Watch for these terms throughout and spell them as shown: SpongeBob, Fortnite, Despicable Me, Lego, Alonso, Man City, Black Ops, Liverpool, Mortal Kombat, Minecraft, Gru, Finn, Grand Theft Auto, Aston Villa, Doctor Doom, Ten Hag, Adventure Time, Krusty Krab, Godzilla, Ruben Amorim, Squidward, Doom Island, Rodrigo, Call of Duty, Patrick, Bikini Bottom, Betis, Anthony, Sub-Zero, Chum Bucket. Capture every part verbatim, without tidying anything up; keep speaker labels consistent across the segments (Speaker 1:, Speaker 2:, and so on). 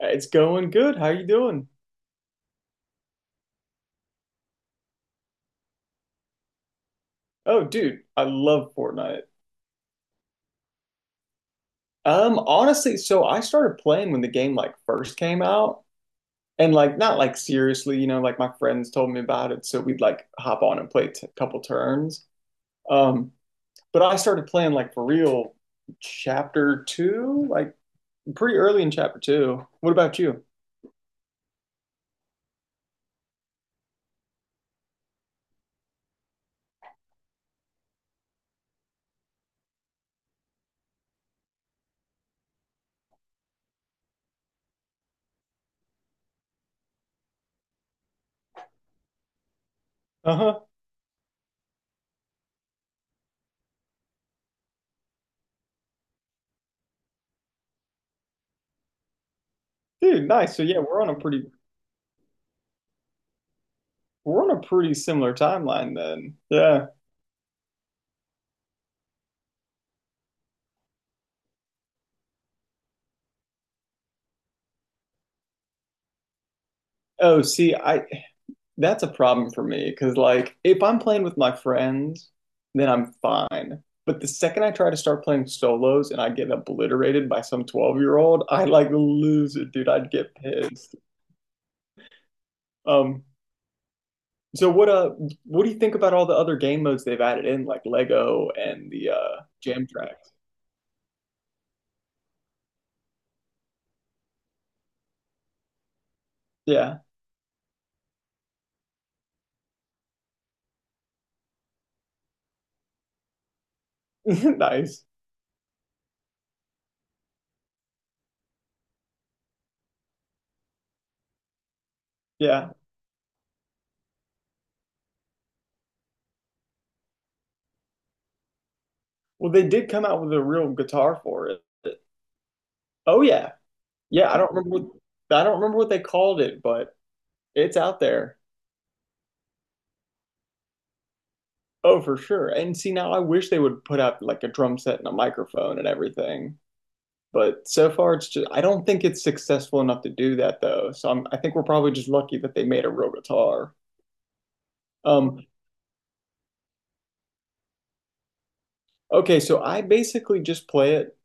Speaker 1: It's going good. How you doing? Oh, dude, I love Fortnite. Um, honestly, so I started playing when the game like first came out, and like not like seriously, you know, like my friends told me about it, so we'd like hop on and play t a couple turns. Um, but I started playing like for real chapter two, like pretty early in chapter two. What about you? Uh-huh. Dude, nice. So yeah, we're on a pretty we're on a pretty similar timeline then. Yeah. Oh, see, I that's a problem for me because, like, if I'm playing with my friends, then I'm fine. But the second I try to start playing solos and I get obliterated by some twelve-year-old, I like lose it, dude. I'd get pissed. Um, so what uh what do you think about all the other game modes they've added in, like Lego and the uh jam tracks? Yeah. Nice. Yeah. Well, they did come out with a real guitar for it. Oh yeah. Yeah, I don't remember what I don't remember what they called it, but it's out there. Oh, for sure. And see, now I wish they would put out like a drum set and a microphone and everything. But so far, it's just, I don't think it's successful enough to do that though. So I'm, I think we're probably just lucky that they made a real guitar. Um, okay, so I basically just play it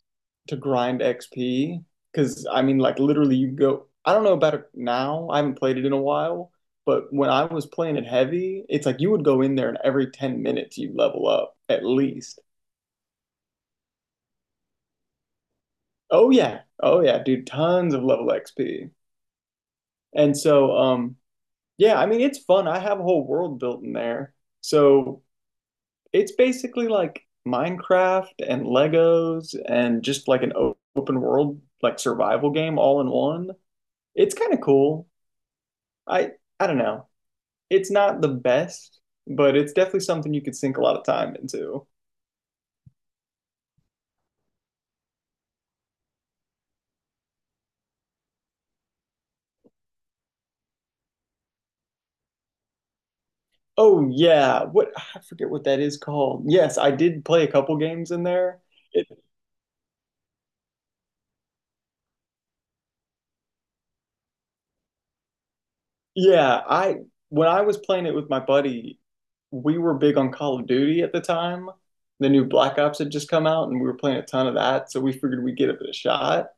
Speaker 1: to grind X P because I mean, like literally, you go, I don't know about it now. I haven't played it in a while, but when I was playing it heavy, it's like you would go in there and every ten minutes you level up at least. Oh, yeah. Oh, yeah, dude, tons of level X P. And so, um, yeah, I mean, it's fun. I have a whole world built in there. So it's basically like Minecraft and Legos and just like an o- open world, like survival game all in one. It's kind of cool. I I don't know. It's not the best, but it's definitely something you could sink a lot of time into. Oh yeah, what I forget what that is called. Yes, I did play a couple games in there. Yeah, I When I was playing it with my buddy, we were big on Call of Duty at the time. The new Black Ops had just come out, and we were playing a ton of that, so we figured we'd give it a shot.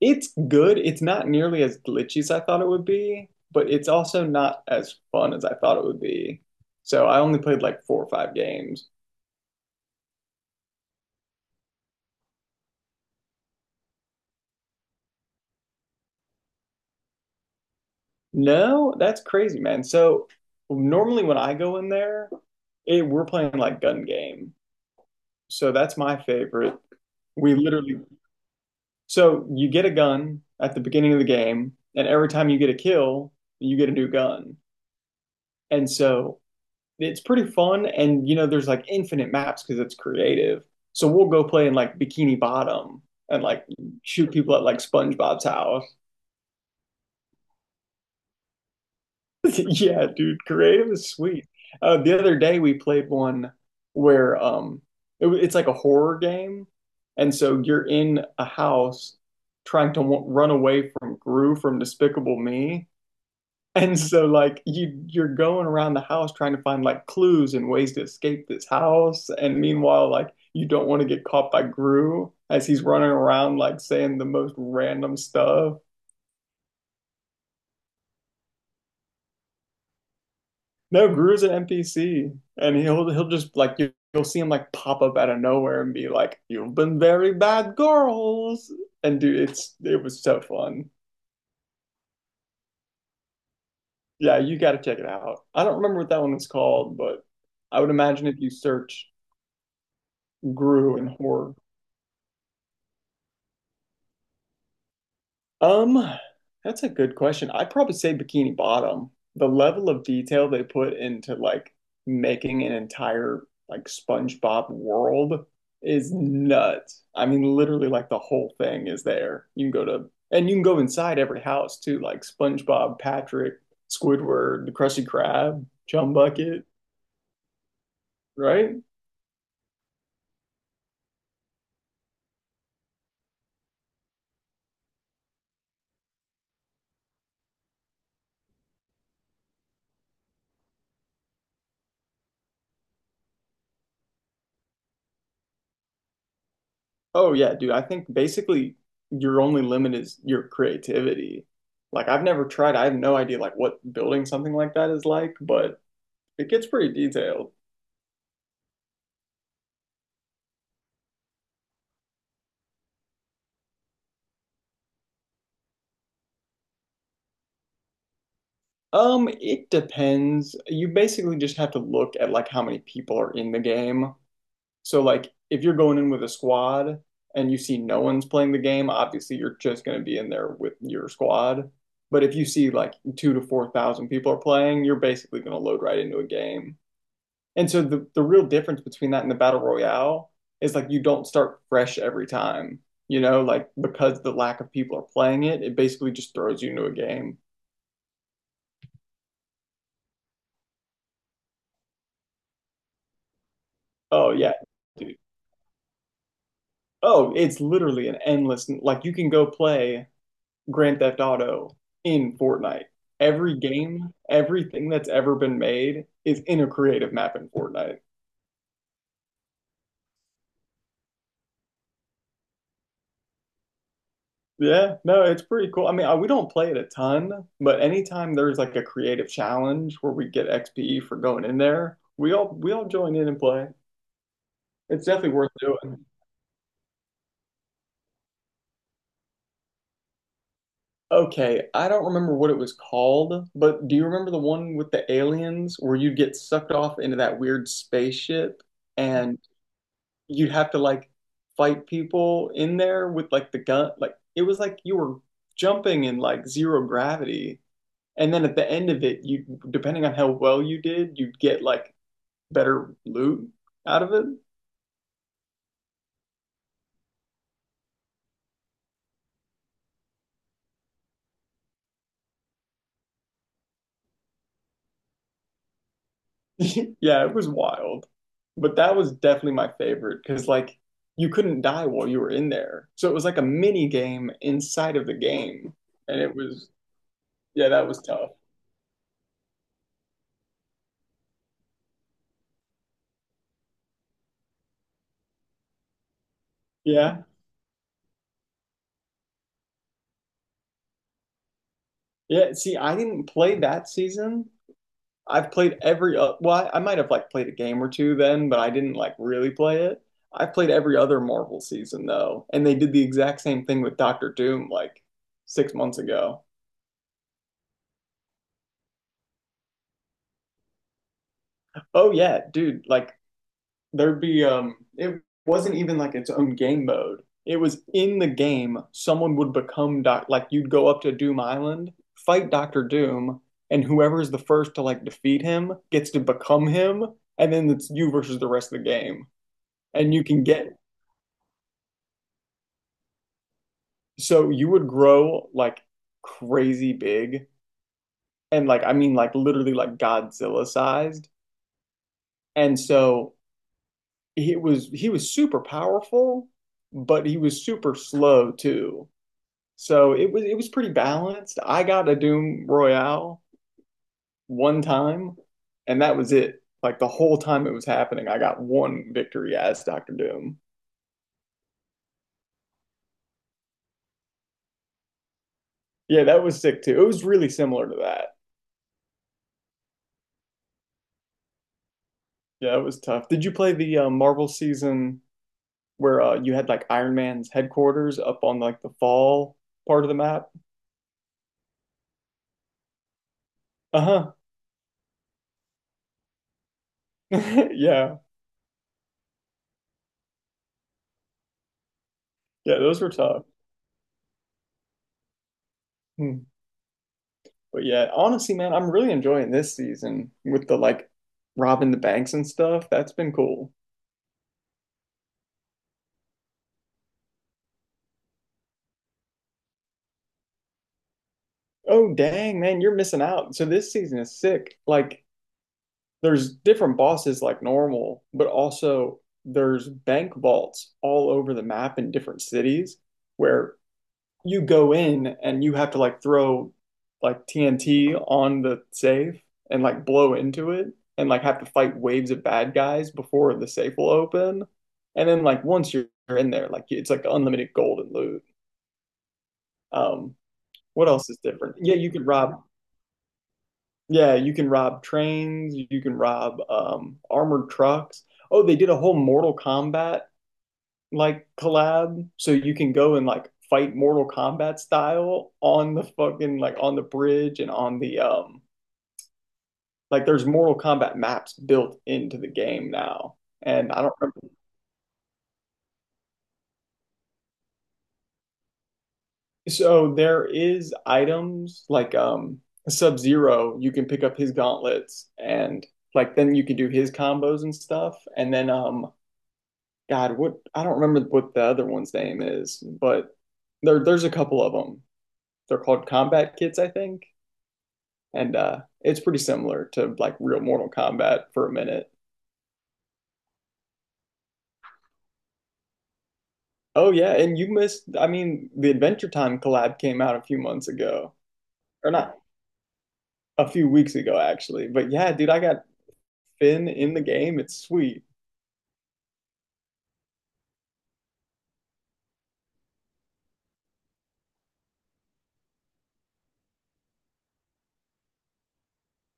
Speaker 1: It's good. It's not nearly as glitchy as I thought it would be, but it's also not as fun as I thought it would be. So I only played like four or five games. No, that's crazy, man. So normally when I go in there, it, we're playing like gun game. So that's my favorite. We literally So you get a gun at the beginning of the game, and every time you get a kill, you get a new gun. And so it's pretty fun. And you know, there's like infinite maps because it's creative. So we'll go play in like Bikini Bottom and like shoot people at like SpongeBob's house. Yeah, dude, creative is sweet. Uh, the other day we played one where um it, w- it's like a horror game, and so you're in a house trying to w run away from Gru from Despicable Me. And so like you you're going around the house trying to find like clues and ways to escape this house. And meanwhile, like you don't want to get caught by Gru as he's running around like saying the most random stuff. No, Gru's an N P C and he'll he'll just like you, you'll see him like pop up out of nowhere and be like, "You've been very bad girls." And dude, it's it was so fun. Yeah, you got to check it out. I don't remember what that one was called, but I would imagine if you search Gru and horror. Um, that's a good question. I'd probably say Bikini Bottom. The level of detail they put into like making an entire like SpongeBob world is nuts. I mean, literally like the whole thing is there. You can go to and you can go inside every house too, like SpongeBob, Patrick, Squidward, the Krusty Krab, Chum Bucket, right? Oh yeah, dude. I think basically your only limit is your creativity. Like I've never tried. I have no idea like what building something like that is like, but it gets pretty detailed. Um, it depends. You basically just have to look at like how many people are in the game. So like if you're going in with a squad and you see no one's playing the game, obviously you're just going to be in there with your squad. But if you see like two to four thousand people are playing, you're basically going to load right into a game. And so the the real difference between that and the battle royale is like you don't start fresh every time, you know, like because the lack of people are playing it, it basically just throws you into a game. Oh yeah, dude. Oh, it's literally an endless like you can go play Grand Theft Auto in Fortnite. Every game, everything that's ever been made is in a creative map in Fortnite. Yeah, no, it's pretty cool. I mean, I, we don't play it a ton, but anytime there's like a creative challenge where we get X P E for going in there, we all we all join in and play. It's definitely worth doing. Okay, I don't remember what it was called, but do you remember the one with the aliens where you'd get sucked off into that weird spaceship and you'd have to like fight people in there with like the gun? Like it was like you were jumping in like zero gravity. And then at the end of it, you depending on how well you did, you'd get like better loot out of it. Yeah, it was wild. But that was definitely my favorite because like you couldn't die while you were in there. So it was like a mini game inside of the game. And it was Yeah, that was tough. Yeah. Yeah, see, I didn't play that season I've played every uh, well, I, I might have like played a game or two then, but I didn't like really play it. I've played every other Marvel season though, and they did the exact same thing with Doctor Doom like six months ago. Oh yeah, dude, like there'd be um it wasn't even like its own game mode. It was in the game, someone would become doc like you'd go up to Doom Island, fight Doctor Doom, and whoever's the first to like defeat him gets to become him, and then it's you versus the rest of the game. And you can get So you would grow like crazy big and like I mean like literally like Godzilla sized. And so he was he was super powerful, but he was super slow too. So it was it was pretty balanced. I got a Doom Royale one time and that was it. Like the whole time it was happening, I got one victory as Doctor Doom. Yeah, that was sick too. It was really similar to that. Yeah, it was tough. Did you play the uh, Marvel season where uh, you had like Iron Man's headquarters up on like the fall part of the map. Uh-huh. Yeah. Yeah, those were tough. Hmm. But yeah, honestly, man, I'm really enjoying this season with the like robbing the banks and stuff. That's been cool. Oh, dang, man, you're missing out. So this season is sick. Like there's different bosses like normal, but also there's bank vaults all over the map in different cities where you go in and you have to like throw like T N T on the safe and like blow into it and like have to fight waves of bad guys before the safe will open. And then like once you're in there, like it's like unlimited gold and loot. Um, what else is different? Yeah, you can rob. Yeah, you can rob trains. You can rob um, armored trucks. Oh, they did a whole Mortal Kombat like collab so you can go and like fight Mortal Kombat style on the fucking like on the bridge and on the um like there's Mortal Kombat maps built into the game now. And I don't remember. So there is items like um Sub-Zero, you can pick up his gauntlets and like then you can do his combos and stuff. And then um God, what I don't remember what the other one's name is, but there there's a couple of them. They're called combat kits, I think. And uh, it's pretty similar to like real Mortal Kombat for a minute. Oh yeah, and you missed. I mean, the Adventure Time collab came out a few months ago, or not a few weeks ago actually. But yeah, dude, I got Finn in the game. It's sweet.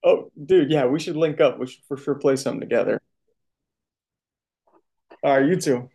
Speaker 1: Oh, dude, yeah, we should link up. We should for sure play some together. All right, you too.